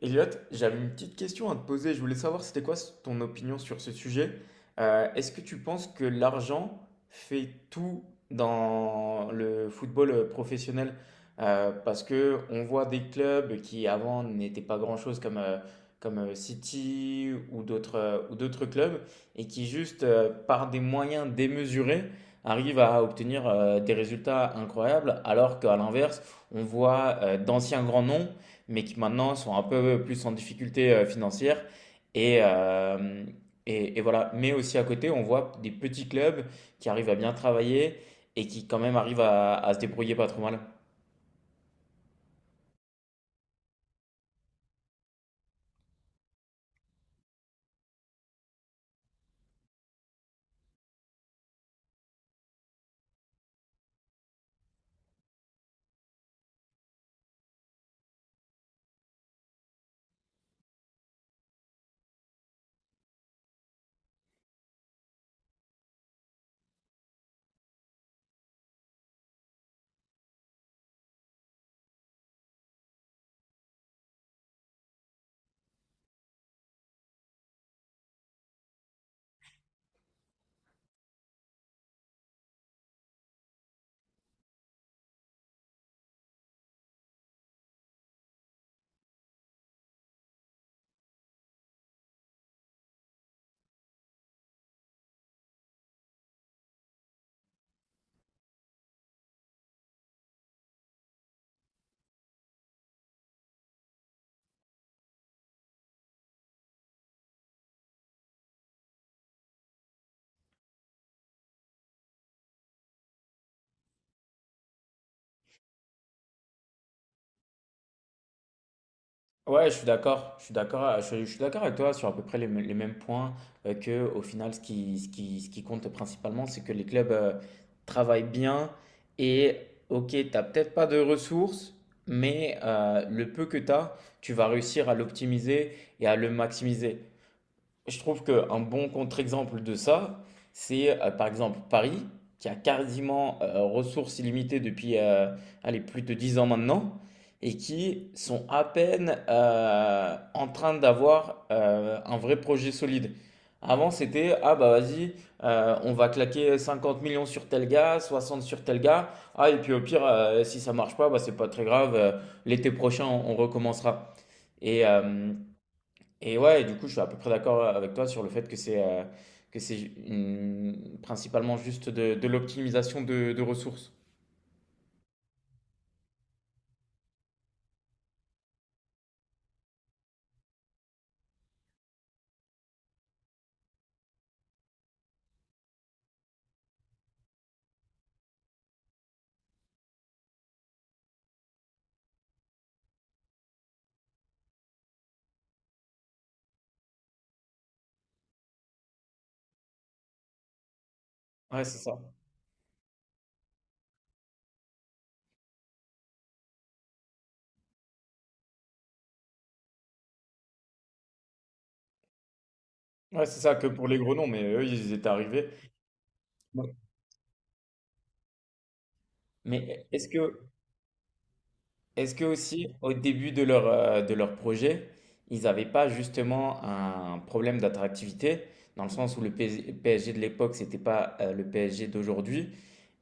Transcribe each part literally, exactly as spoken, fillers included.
Elliot, j'avais une petite question à te poser. Je voulais savoir c'était quoi ton opinion sur ce sujet. Euh, est-ce que tu penses que l'argent fait tout dans le football euh, professionnel? Euh, parce que on voit des clubs qui avant n'étaient pas grand-chose comme, euh, comme euh, City ou d'autres euh, ou d'autres clubs et qui juste euh, par des moyens démesurés arrivent à obtenir euh, des résultats incroyables alors qu'à l'inverse on voit euh, d'anciens grands noms mais qui maintenant sont un peu plus en difficulté euh, financière. Et, euh, et, et voilà. Mais aussi à côté, on voit des petits clubs qui arrivent à bien travailler et qui quand même arrivent à, à se débrouiller pas trop mal. Ouais, je suis d'accord. Je suis d'accord. euh, Je, je suis d'accord avec toi sur à peu près les, m- les mêmes points euh, que au final, ce qui, ce qui, ce qui compte principalement, c'est que les clubs euh, travaillent bien et ok, t'as peut-être pas de ressources, mais euh, le peu que t'as, tu vas réussir à l'optimiser et à le maximiser. Je trouve qu'un bon contre-exemple de ça, c'est euh, par exemple Paris, qui a quasiment euh, ressources illimitées depuis euh, allez, plus de dix ans maintenant, et qui sont à peine euh, en train d'avoir euh, un vrai projet solide. Avant, c'était, ah bah vas-y, euh, on va claquer cinquante millions sur tel gars, soixante sur tel gars, ah et puis au pire, euh, si ça marche pas, bah c'est pas très grave, euh, l'été prochain, on, on recommencera. Et, euh, et ouais, du coup, je suis à peu près d'accord avec toi sur le fait que c'est euh, que c'est une- principalement juste de, de l'optimisation de, de ressources. Ouais, c'est ça. Ouais, c'est ça que pour les gros noms, mais eux, ils étaient arrivés. Ouais. Mais est-ce que, est-ce que aussi, au début de leur, euh, de leur projet, ils n'avaient pas justement un problème d'attractivité, dans le sens où le PS- P S G de l'époque, c'était pas euh, le P S G d'aujourd'hui,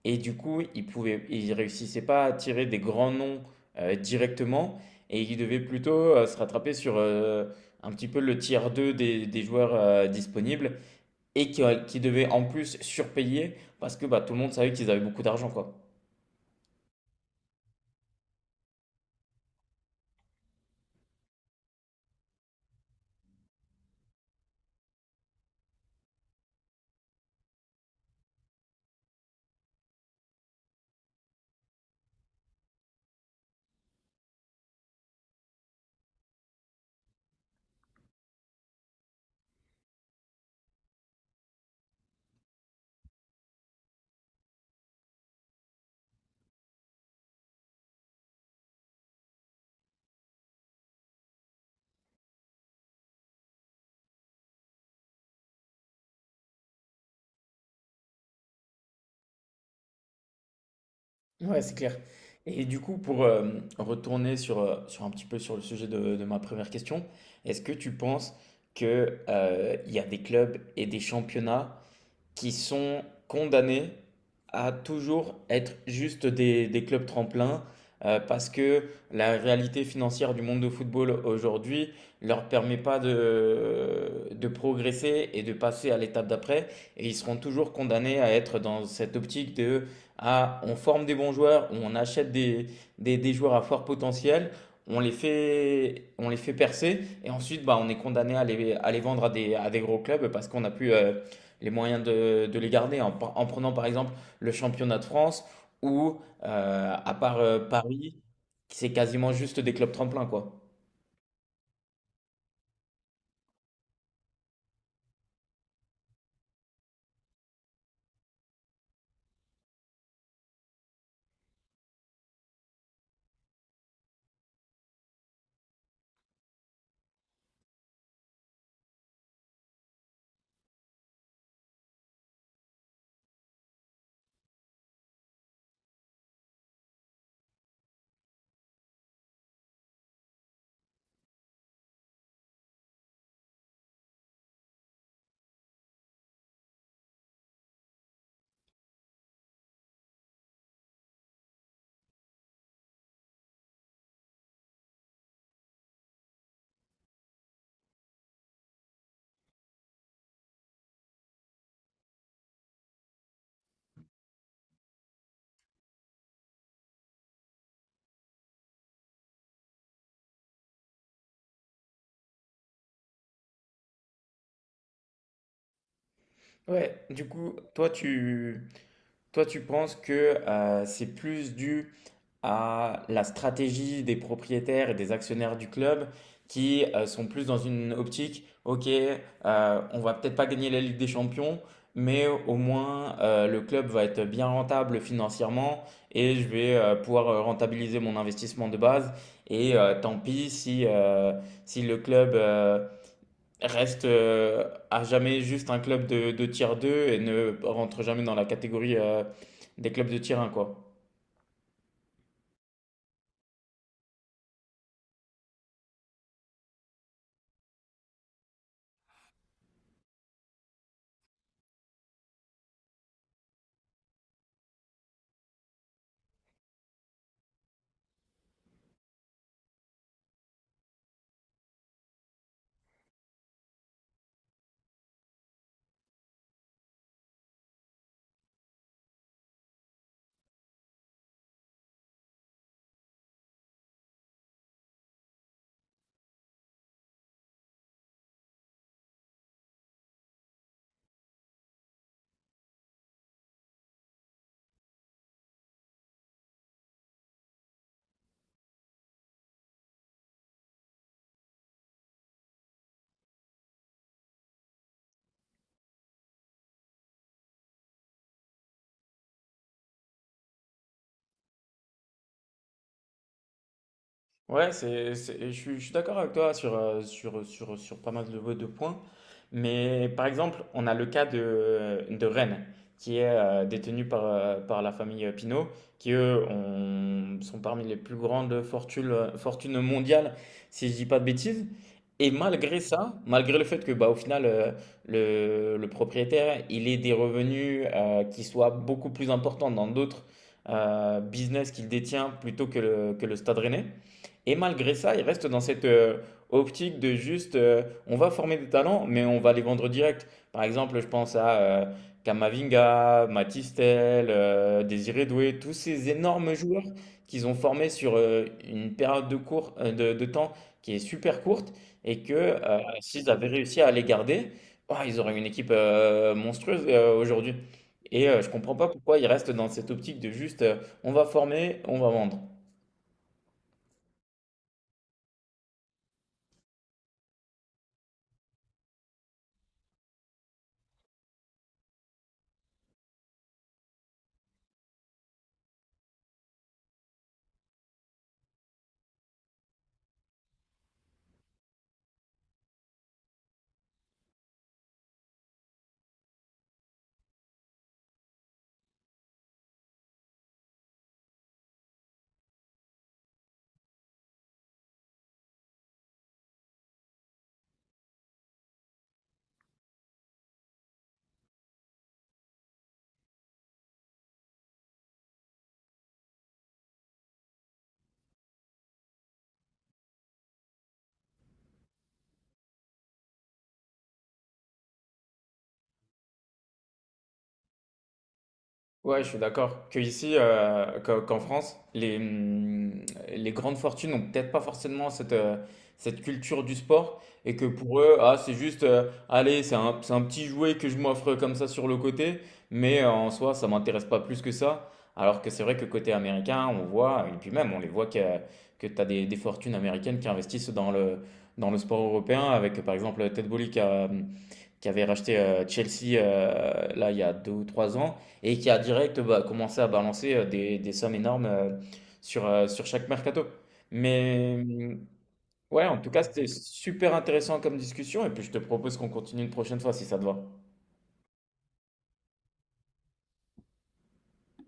et du coup, il pouvait, il réussissait pas à tirer des grands noms euh, directement et il devait plutôt euh, se rattraper sur euh, un petit peu le tiers deux des, des joueurs euh, disponibles et qui, qui devait en plus surpayer parce que bah, tout le monde savait qu'ils avaient beaucoup d'argent, quoi. Ouais, c'est clair. Et du coup, pour euh, retourner sur, euh, sur un petit peu sur le sujet de, de ma première question, est-ce que tu penses que, euh, il y a des clubs et des championnats qui sont condamnés à toujours être juste des, des clubs tremplins euh, parce que la réalité financière du monde de football aujourd'hui leur permet pas de, de progresser et de passer à l'étape d'après et ils seront toujours condamnés à être dans cette optique de ah, on forme des bons joueurs ou on achète des, des, des joueurs à fort potentiel, on les fait on les fait percer et ensuite bah, on est condamné à les, à les vendre à des, à des gros clubs parce qu'on a plus euh, les moyens de, de les garder en, en prenant par exemple le championnat de France ou euh, à part euh, Paris, c'est quasiment juste des clubs tremplins quoi. Ouais, du coup, toi tu toi tu penses que euh, c'est plus dû à la stratégie des propriétaires et des actionnaires du club qui euh, sont plus dans une optique, ok, euh, on va peut-être pas gagner la Ligue des Champions, mais au moins euh, le club va être bien rentable financièrement et je vais euh, pouvoir euh, rentabiliser mon investissement de base. Et euh, tant pis si, euh, si le club euh, reste euh, à jamais juste un club de, de tier deux et ne rentre jamais dans la catégorie euh, des clubs de tier un quoi. Ouais, c'est, c'est- et je suis, je suis d'accord avec toi sur, euh, sur, sur, sur pas mal de, de points. Mais par exemple, on a le cas de, de Rennes, qui est euh, détenu par, euh, par la famille euh, Pinault, qui eux ont- sont parmi les plus grandes fortunes, fortunes mondiales, si je dis pas de bêtises. Et malgré ça, malgré le fait que bah, au final, euh, le, le propriétaire, il ait des revenus euh, qui soient beaucoup plus importants dans d'autres euh, business qu'il détient plutôt que le, que le Stade Rennais. Et malgré ça, ils restent dans cette euh, optique de juste, euh, on va former des talents, mais on va les vendre direct. Par exemple, je pense à euh, Kamavinga, Matistel, euh, Désiré Doué, tous ces énormes joueurs qu'ils ont formés sur euh, une période de, cours, euh, de, de temps qui est super courte et que euh, s'ils avaient réussi à les garder, oh, ils auraient une équipe euh, monstrueuse euh, aujourd'hui. Et euh, je comprends pas pourquoi ils restent dans cette optique de juste, euh, on va former, on va vendre. Ouais, je suis d'accord. Que ici, euh, qu'en qu'en France, les, hum, les grandes fortunes n'ont peut-être pas forcément cette, euh, cette culture du sport et que pour eux, ah, c'est juste, euh, allez, c'est un, c'est un petit jouet que je m'offre comme ça sur le côté, mais euh, en soi, ça m'intéresse pas plus que ça. Alors que c'est vrai que côté américain, on voit, et puis même, on les voit que, que tu as des, des fortunes américaines qui investissent dans le, dans le sport européen, avec par exemple Ted Bolly qui a, qui avait racheté euh, Chelsea euh, là il y a deux ou trois ans et qui a direct bah, commencé à balancer euh, des, des sommes énormes euh, sur, euh, sur chaque mercato. Mais euh, ouais, en tout cas, c'était super intéressant comme discussion et puis je te propose qu'on continue une prochaine fois si ça te va.